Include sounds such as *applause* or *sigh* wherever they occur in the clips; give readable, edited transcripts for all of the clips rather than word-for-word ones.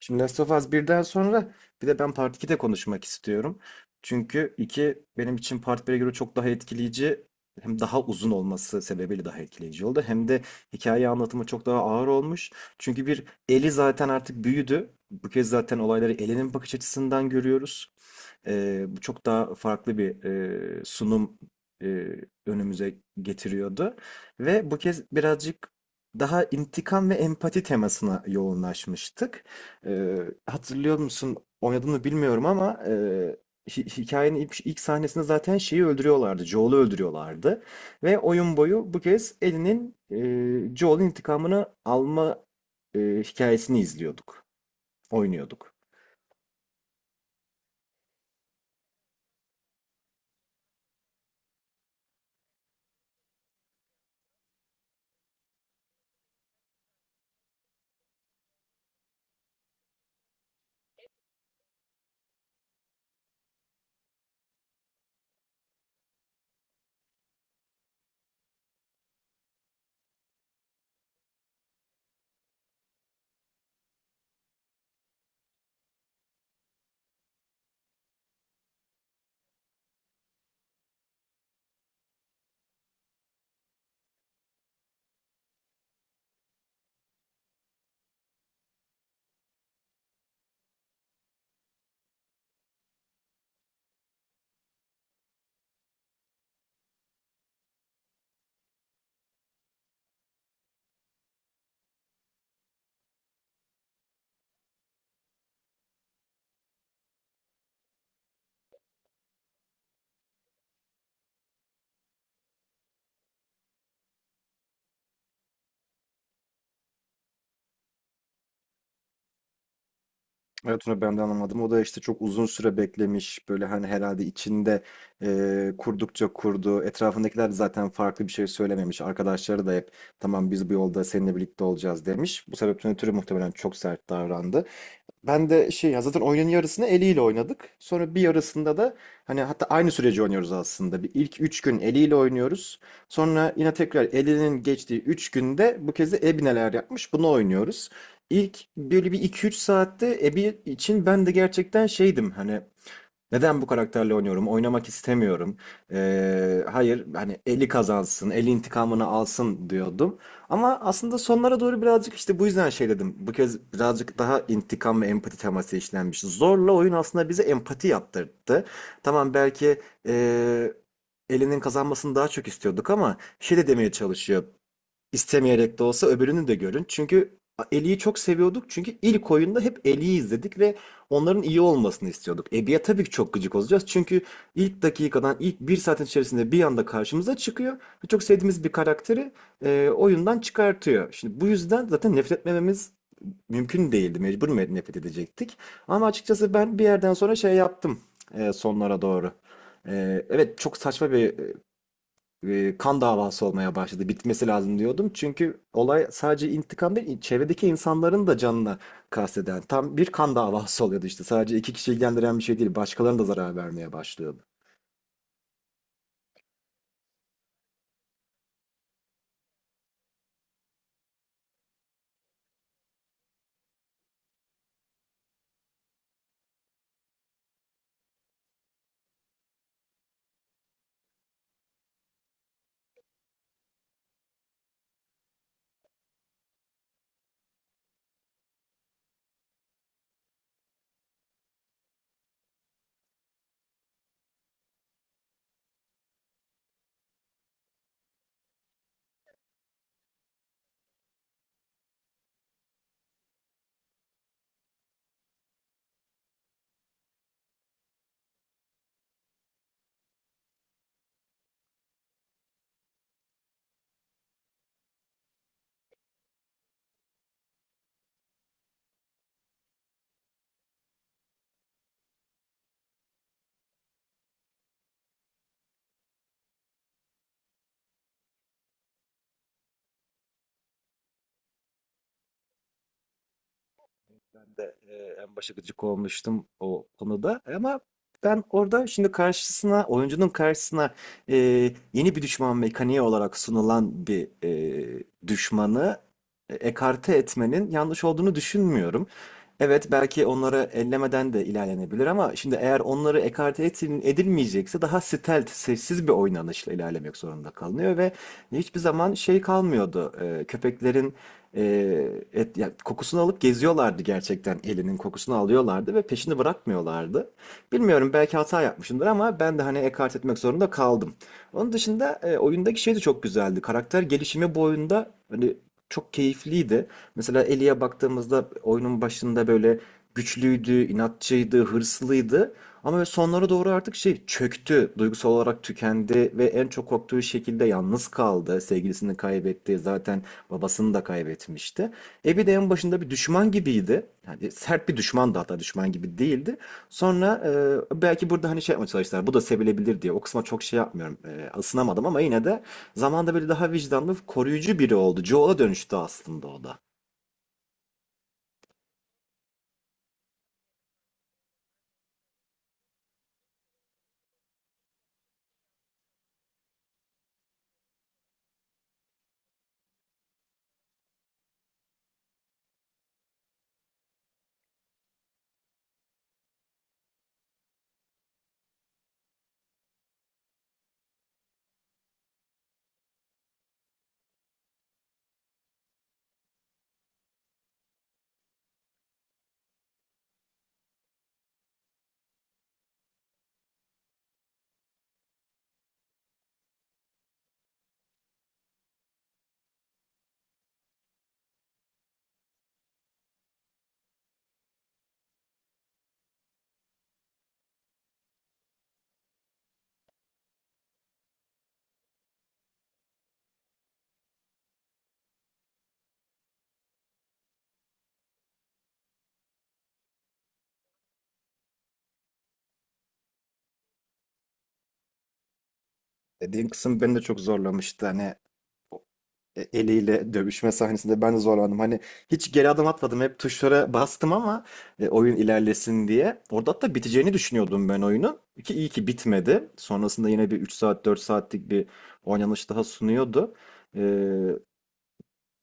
Şimdi Last of Us 1'den sonra bir de ben Part 2'de konuşmak istiyorum. Çünkü 2 benim için Part 1'e göre çok daha etkileyici, hem daha uzun olması sebebiyle daha etkileyici oldu. Hem de hikaye anlatımı çok daha ağır olmuş. Çünkü bir Eli zaten artık büyüdü. Bu kez zaten olayları elinin bakış açısından görüyoruz. Bu çok daha farklı bir sunum e, önümüze getiriyordu. Ve bu kez birazcık daha intikam ve empati temasına yoğunlaşmıştık. Ee, Hatırlıyor musun? Oynadığını bilmiyorum ama hikayenin ilk sahnesinde zaten şeyi öldürüyorlardı. Joel'ı öldürüyorlardı. Ve oyun boyu bu kez Ellie'nin Joel'in intikamını alma hikayesini izliyorduk. Oynuyorduk. Evet, onu ben de anlamadım. O da işte çok uzun süre beklemiş. Böyle hani herhalde içinde kurdukça kurdu. Etrafındakiler de zaten farklı bir şey söylememiş. Arkadaşları da hep tamam biz bu yolda seninle birlikte olacağız demiş. Bu sebepten ötürü muhtemelen çok sert davrandı. Ben de şey ya, zaten oyunun yarısını eliyle oynadık. Sonra bir yarısında da hani, hatta aynı süreci oynuyoruz aslında. Bir ilk 3 gün eliyle oynuyoruz. Sonra yine tekrar elinin geçtiği 3 günde bu kez de Ebi neler yapmış bunu oynuyoruz. İlk böyle bir iki üç saatte Ebi için ben de gerçekten şeydim hani, neden bu karakterle oynuyorum? Oynamak istemiyorum. Hayır, hani eli kazansın, eli intikamını alsın diyordum. Ama aslında sonlara doğru birazcık işte bu yüzden şey dedim. Bu kez birazcık daha intikam ve empati teması işlenmiş. Zorla oyun aslında bize empati yaptırdı. Tamam, belki ee, elinin kazanmasını daha çok istiyorduk ama şey de demeye çalışıyor, istemeyerek de olsa öbürünü de görün. Çünkü Ellie'yi çok seviyorduk. Çünkü ilk oyunda hep Ellie'yi izledik ve onların iyi olmasını istiyorduk. Abby'ye tabii ki çok gıcık olacağız. Çünkü ilk dakikadan, ilk bir saatin içerisinde bir anda karşımıza çıkıyor. Ve çok sevdiğimiz bir karakteri oyundan çıkartıyor. Şimdi bu yüzden zaten nefret etmememiz mümkün değildi. Mecbur nefret edecektik. Ama açıkçası ben bir yerden sonra şey yaptım sonlara doğru. E, evet çok saçma bir kan davası olmaya başladı. Bitmesi lazım diyordum. Çünkü olay sadece intikam değil, çevredeki insanların da canına kasteden tam bir kan davası *laughs* oluyordu işte. Sadece iki kişi ilgilendiren bir şey değil, başkalarına da zarar vermeye başlıyordu. Ben de en başa gıcık olmuştum o konuda ama ben orada şimdi oyuncunun karşısına e, yeni bir düşman mekaniği olarak sunulan bir düşmanı ekarte etmenin yanlış olduğunu düşünmüyorum. Evet, belki onları ellemeden de ilerlenebilir ama şimdi eğer onları edilmeyecekse daha stealth, sessiz bir oynanışla ilerlemek zorunda kalınıyor ve hiçbir zaman şey kalmıyordu. Köpeklerin e, ya kokusunu alıp geziyorlardı, gerçekten elinin kokusunu alıyorlardı ve peşini bırakmıyorlardı. Bilmiyorum, belki hata yapmışımdır ama ben de hani ekart etmek zorunda kaldım. Onun dışında oyundaki şey de çok güzeldi. Karakter gelişimi bu oyunda hani çok keyifliydi. Mesela Ellie'ye baktığımızda oyunun başında böyle güçlüydü, inatçıydı, hırslıydı. Ama sonlara doğru artık şey çöktü, duygusal olarak tükendi ve en çok korktuğu şekilde yalnız kaldı. Sevgilisini kaybetti. Zaten babasını da kaybetmişti. E de en başında bir düşman gibiydi. Yani sert bir düşmandı, hatta düşman gibi değildi. Sonra belki burada hani şey yapmaya çalıştılar. Bu da sevilebilir diye. O kısma çok şey yapmıyorum. E, ısınamadım ama yine de zamanda böyle daha vicdanlı, koruyucu biri oldu. Joel'a dönüştü aslında o da. Dediğin kısım beni de çok zorlamıştı. Hani eliyle dövüşme sahnesinde ben de zorlandım. Hani hiç geri adım atmadım. Hep tuşlara bastım ama oyun ilerlesin diye. Orada hatta biteceğini düşünüyordum ben oyunun. Ki iyi ki bitmedi. Sonrasında yine bir 3 saat 4 saatlik bir oynanış daha sunuyordu. E,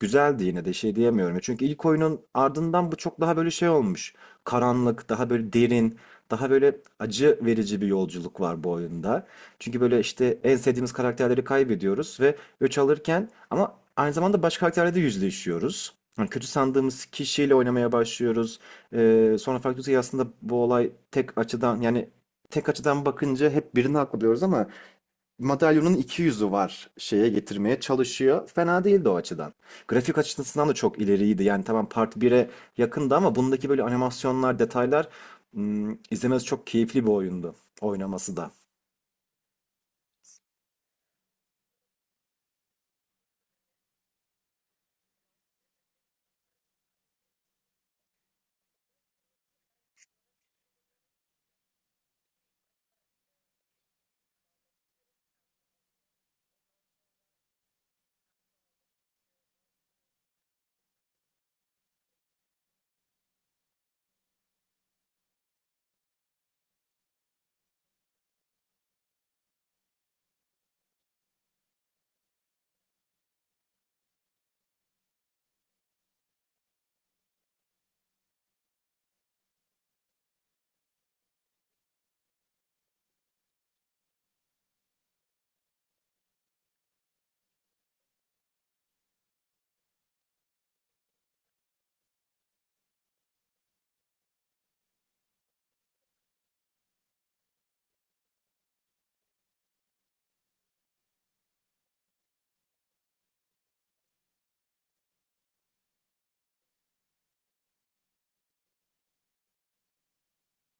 Güzeldi yine de şey diyemiyorum. Çünkü ilk oyunun ardından bu çok daha böyle şey olmuş. Karanlık, daha böyle derin, daha böyle acı verici bir yolculuk var bu oyunda. Çünkü böyle işte en sevdiğimiz karakterleri kaybediyoruz ve öç alırken ama aynı zamanda başka karakterlerle de yüzleşiyoruz. Yani kötü sandığımız kişiyle oynamaya başlıyoruz. Sonra fark ediyoruz ki aslında bu olay tek açıdan, yani tek açıdan bakınca hep birini haklı diyoruz ama madalyonun iki yüzü var şeye getirmeye çalışıyor. Fena değildi o açıdan. Grafik açısından da çok ileriydi. Yani tamam Part 1'e yakındı ama bundaki böyle animasyonlar, detaylar, hmm, izlemesi çok keyifli bir oyundu. Oynaması da.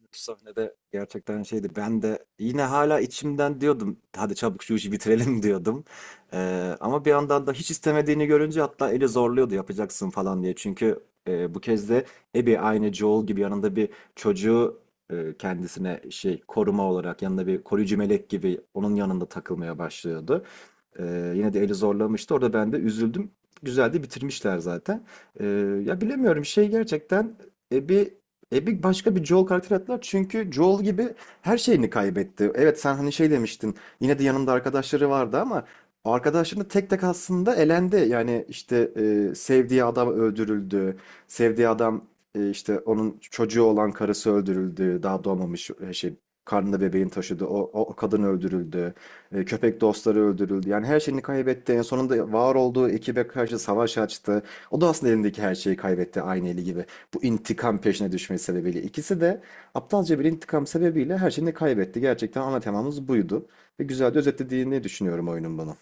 Bu sahnede gerçekten şeydi. Ben de yine hala içimden diyordum. Hadi çabuk şu işi bitirelim *laughs* diyordum. Ama bir yandan da hiç istemediğini görünce, hatta eli zorluyordu yapacaksın falan diye. Çünkü bu kez de Abby aynı Joel gibi yanında bir çocuğu, kendisine şey, koruma olarak yanında bir koruyucu melek gibi onun yanında takılmaya başlıyordu. Yine de eli zorlamıştı. Orada ben de üzüldüm. Güzel de bitirmişler zaten. Eee, ya bilemiyorum şey, gerçekten Ebi Ebi başka bir Joel karakteri attılar. Çünkü Joel gibi her şeyini kaybetti. Evet sen hani şey demiştin. Yine de yanında arkadaşları vardı ama arkadaşlarını tek tek aslında elendi. Yani işte sevdiği adam öldürüldü. Sevdiği adam işte onun çocuğu olan karısı öldürüldü. Daha doğmamış şey, karnında bebeğin taşıdı. O kadın öldürüldü. E, köpek dostları öldürüldü. Yani her şeyini kaybetti. En sonunda var olduğu ekibe karşı savaş açtı. O da aslında elindeki her şeyi kaybetti aynı eli gibi. Bu intikam peşine düşmesi sebebiyle. İkisi de aptalca bir intikam sebebiyle her şeyini kaybetti. Gerçekten ana temamız buydu. Ve güzel de özetlediğini düşünüyorum oyunun bana.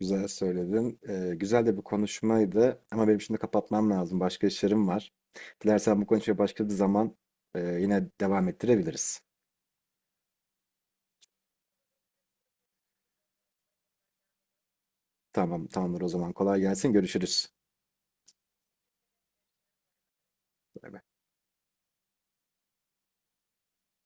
Güzel söyledin. Güzel de bir konuşmaydı. Ama benim şimdi kapatmam lazım. Başka işlerim var. Dilersen bu konuşmaya başka bir zaman yine devam ettirebiliriz. Tamam, tamamdır o zaman. Kolay gelsin. Görüşürüz. Bay bay.